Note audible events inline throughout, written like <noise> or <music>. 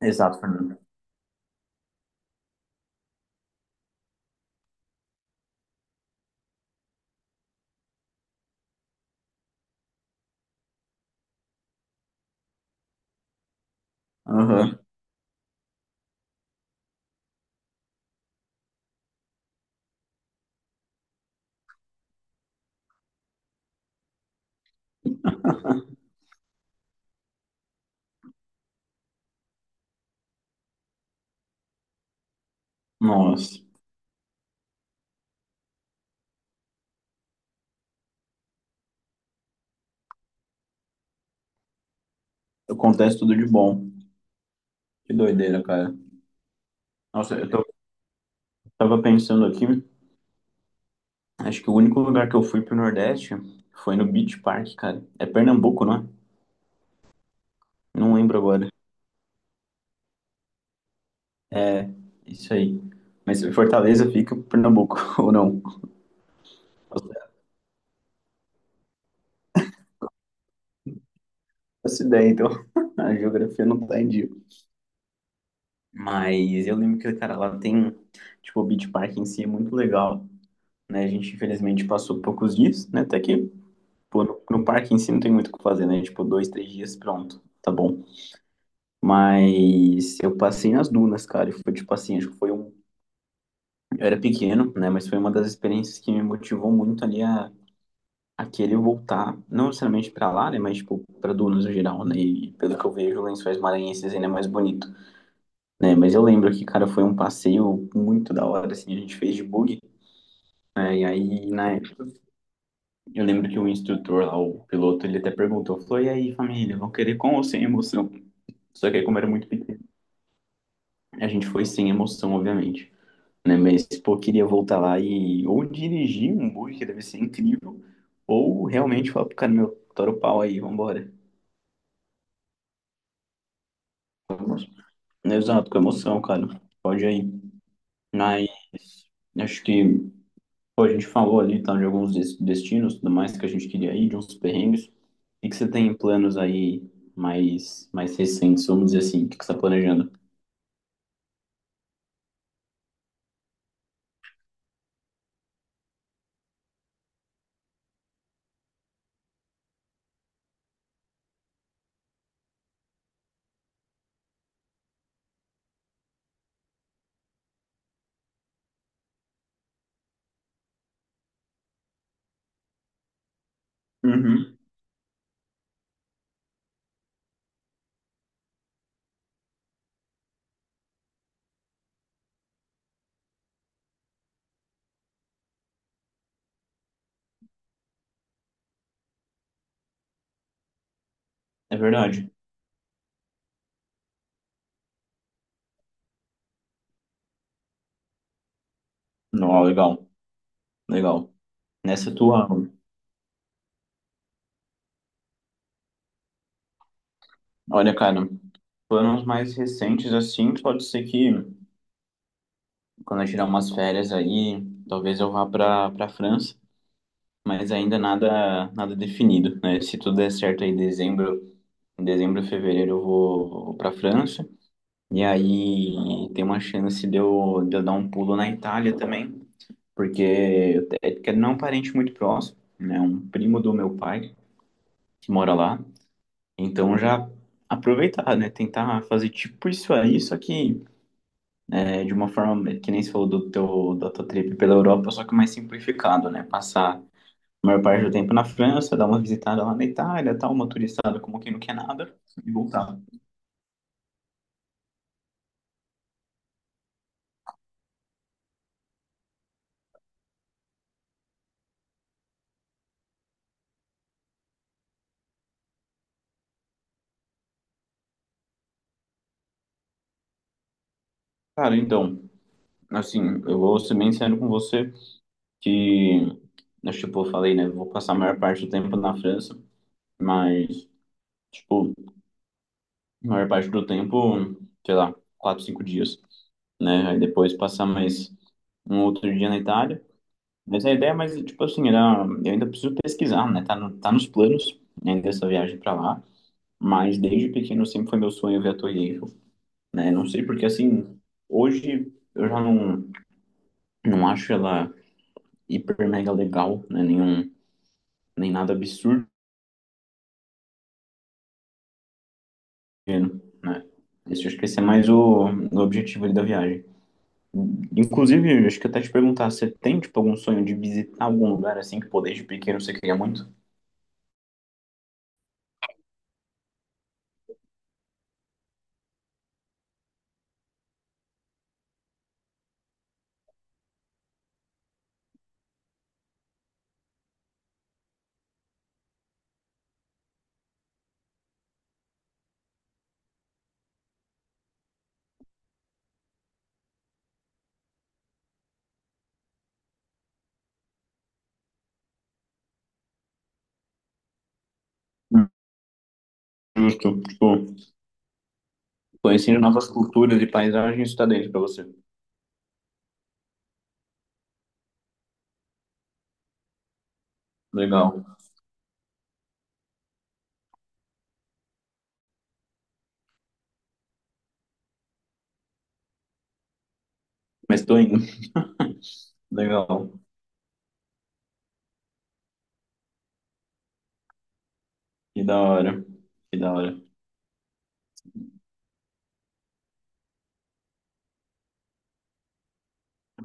Exato, Fernando. Aham. <laughs> Nossa, acontece tudo de bom. Que doideira, cara. Nossa, tava pensando aqui, acho que o único lugar que eu fui pro Nordeste foi no Beach Park, cara. É Pernambuco, não é? Não lembro agora. É, isso aí. Mas Fortaleza fica em Pernambuco, <laughs> ou não? Nossa, eu faço ideia, então. <laughs> A geografia não tá em dia. Mas eu lembro que, cara, lá tem, tipo, o Beach Park em si é muito legal, né? A gente, infelizmente, passou poucos dias, né? Até que pô, no parque em si não tem muito o que fazer, né? Tipo, dois, três dias, pronto, tá bom. Mas eu passei nas dunas, cara, e foi tipo assim, acho que foi um. Eu era pequeno, né? Mas foi uma das experiências que me motivou muito ali a querer voltar, não necessariamente pra lá, né? Mas, tipo, pra dunas no geral, né? E pelo que eu vejo, Lençóis Maranhenses ainda é mais bonito, né? Mas eu lembro que, cara, foi um passeio muito da hora, assim, a gente fez de buggy. É, e aí, na época, eu lembro que o instrutor lá, o piloto, ele até perguntou, falou, e aí, família, vão querer com ou sem emoção? Só que aí, como era muito pequeno, a gente foi sem emoção, obviamente. Né? Mas, pô, queria voltar lá e ou dirigir um bug, que deve ser incrível, ou realmente falar pro cara, meu, tora o pau aí, vambora. Vamos. Exato, com emoção, cara. Pode aí. Mas acho que pô, a gente falou ali tá, de alguns destinos, tudo mais que a gente queria ir, de uns perrengues. O que que você tem em planos aí mais, mais recentes, vamos dizer assim? O que que você está planejando? Uhum. É verdade. Não, legal, legal. Nessa tua... Olha, cara, planos mais recentes assim, pode ser que quando eu tirar umas férias aí, talvez eu vá para França, mas ainda nada definido, né? Se tudo der certo aí em dezembro, fevereiro eu vou para França e aí tem uma chance de eu dar um pulo na Itália também, porque é que não é um parente muito próximo, né? Um primo do meu pai que mora lá, então já aproveitar, né? Tentar fazer tipo isso aí, só que é, de uma forma que nem se falou do teu, da tua trip pela Europa, só que mais simplificado, né? Passar a maior parte do tempo na França, dar uma visitada lá na Itália, tal, uma turistada como quem não quer nada e voltar. Cara, então, assim, eu vou ser bem sincero com você que, né, tipo, eu falei, né? Eu vou passar a maior parte do tempo na França, mas, tipo, a maior parte do tempo, sei lá, quatro, cinco dias, né? Aí depois passar mais um outro dia na Itália. Mas a ideia, mas tipo assim, era, eu ainda preciso pesquisar, né? Tá, no, tá nos planos, né, dessa viagem pra lá. Mas desde pequeno sempre foi meu sonho ver a Torre Eiffel, né? Não sei porque assim, hoje eu já não, não acho ela hiper mega legal, né? Nenhum, nem nada absurdo, né? Esse, acho que esse é mais o objetivo ali da viagem. Inclusive, acho que até te perguntar, você tem tipo algum sonho de visitar algum lugar assim que pô, desde pequeno você queria muito? Justo, tipo, conhecendo novas culturas e paisagens está dentro pra você. Legal. Mas tô indo. Legal. Que da hora. Que da hora.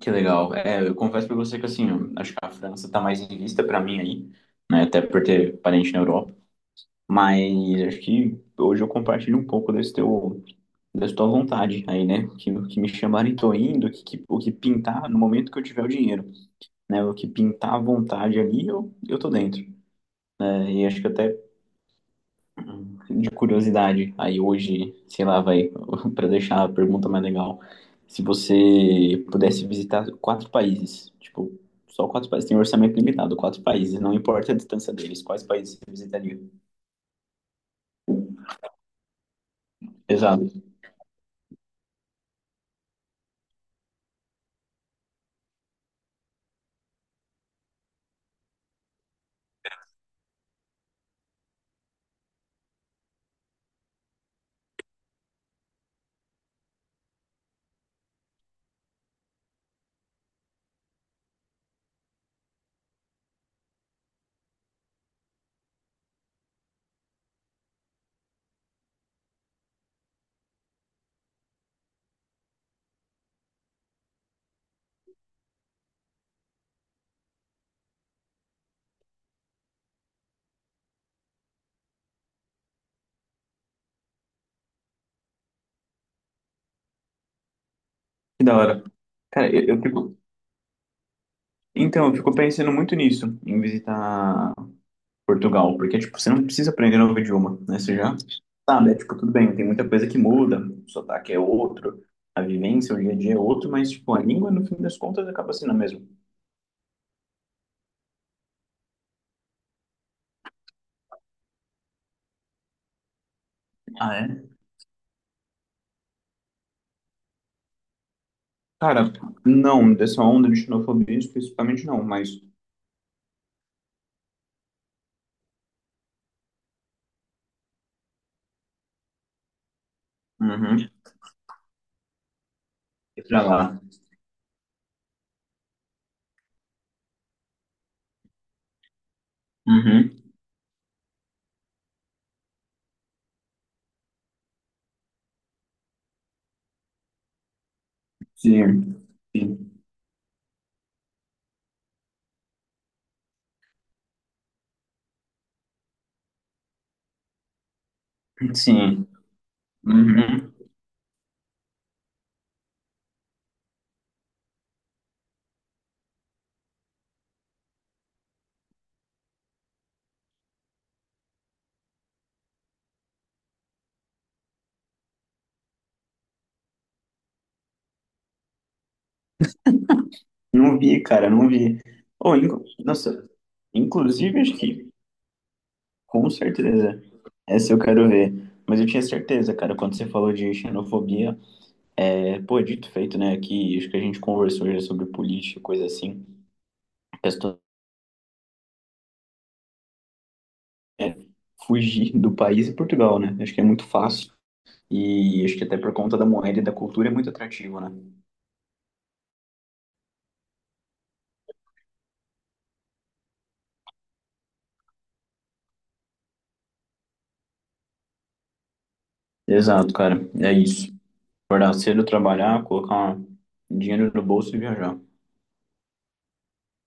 Que legal. É, eu confesso pra você que assim, eu acho que a França tá mais em vista pra mim aí, né? Até por ter parente na Europa. Mas acho que hoje eu compartilho um pouco desse teu, dessa tua vontade aí, né? Que me chamarem, tô indo, o que, o que pintar no momento que eu tiver o dinheiro, né? O que pintar à vontade ali, eu tô dentro. É, e acho que até de curiosidade, aí hoje, sei lá, vai, <laughs> para deixar a pergunta mais legal, se você pudesse visitar quatro países, tipo, só quatro países, tem um orçamento limitado, quatro países, não importa a distância deles, quais países você visitaria? Exato. Que da hora. Cara, eu fico, então, eu fico pensando muito nisso, em visitar Portugal, porque, tipo, você não precisa aprender novo idioma, né? Você já sabe, é, tipo, tudo bem, tem muita coisa que muda, o sotaque é outro, a vivência, o dia a dia é outro, mas, tipo, a língua, no fim das contas, acaba sendo a mesma. Ah, é? Cara, não, dessa onda de xenofobia especificamente não, mas... Uhum, e pra lá. Uhum, sim, sim, sim, uhum. Não vi, cara, não vi. Oh, nossa, inclusive, acho que... Com certeza. Essa eu quero ver. Mas eu tinha certeza, cara, quando você falou de xenofobia, é, pô, dito e feito, né? Que acho que a gente conversou já sobre política, coisa assim. A questão é fugir do país e Portugal, né? Acho que é muito fácil. E acho que até por conta da moeda e da cultura é muito atrativo, né? Exato, cara. É isso. Acordar cedo, trabalhar, colocar dinheiro no bolso e viajar.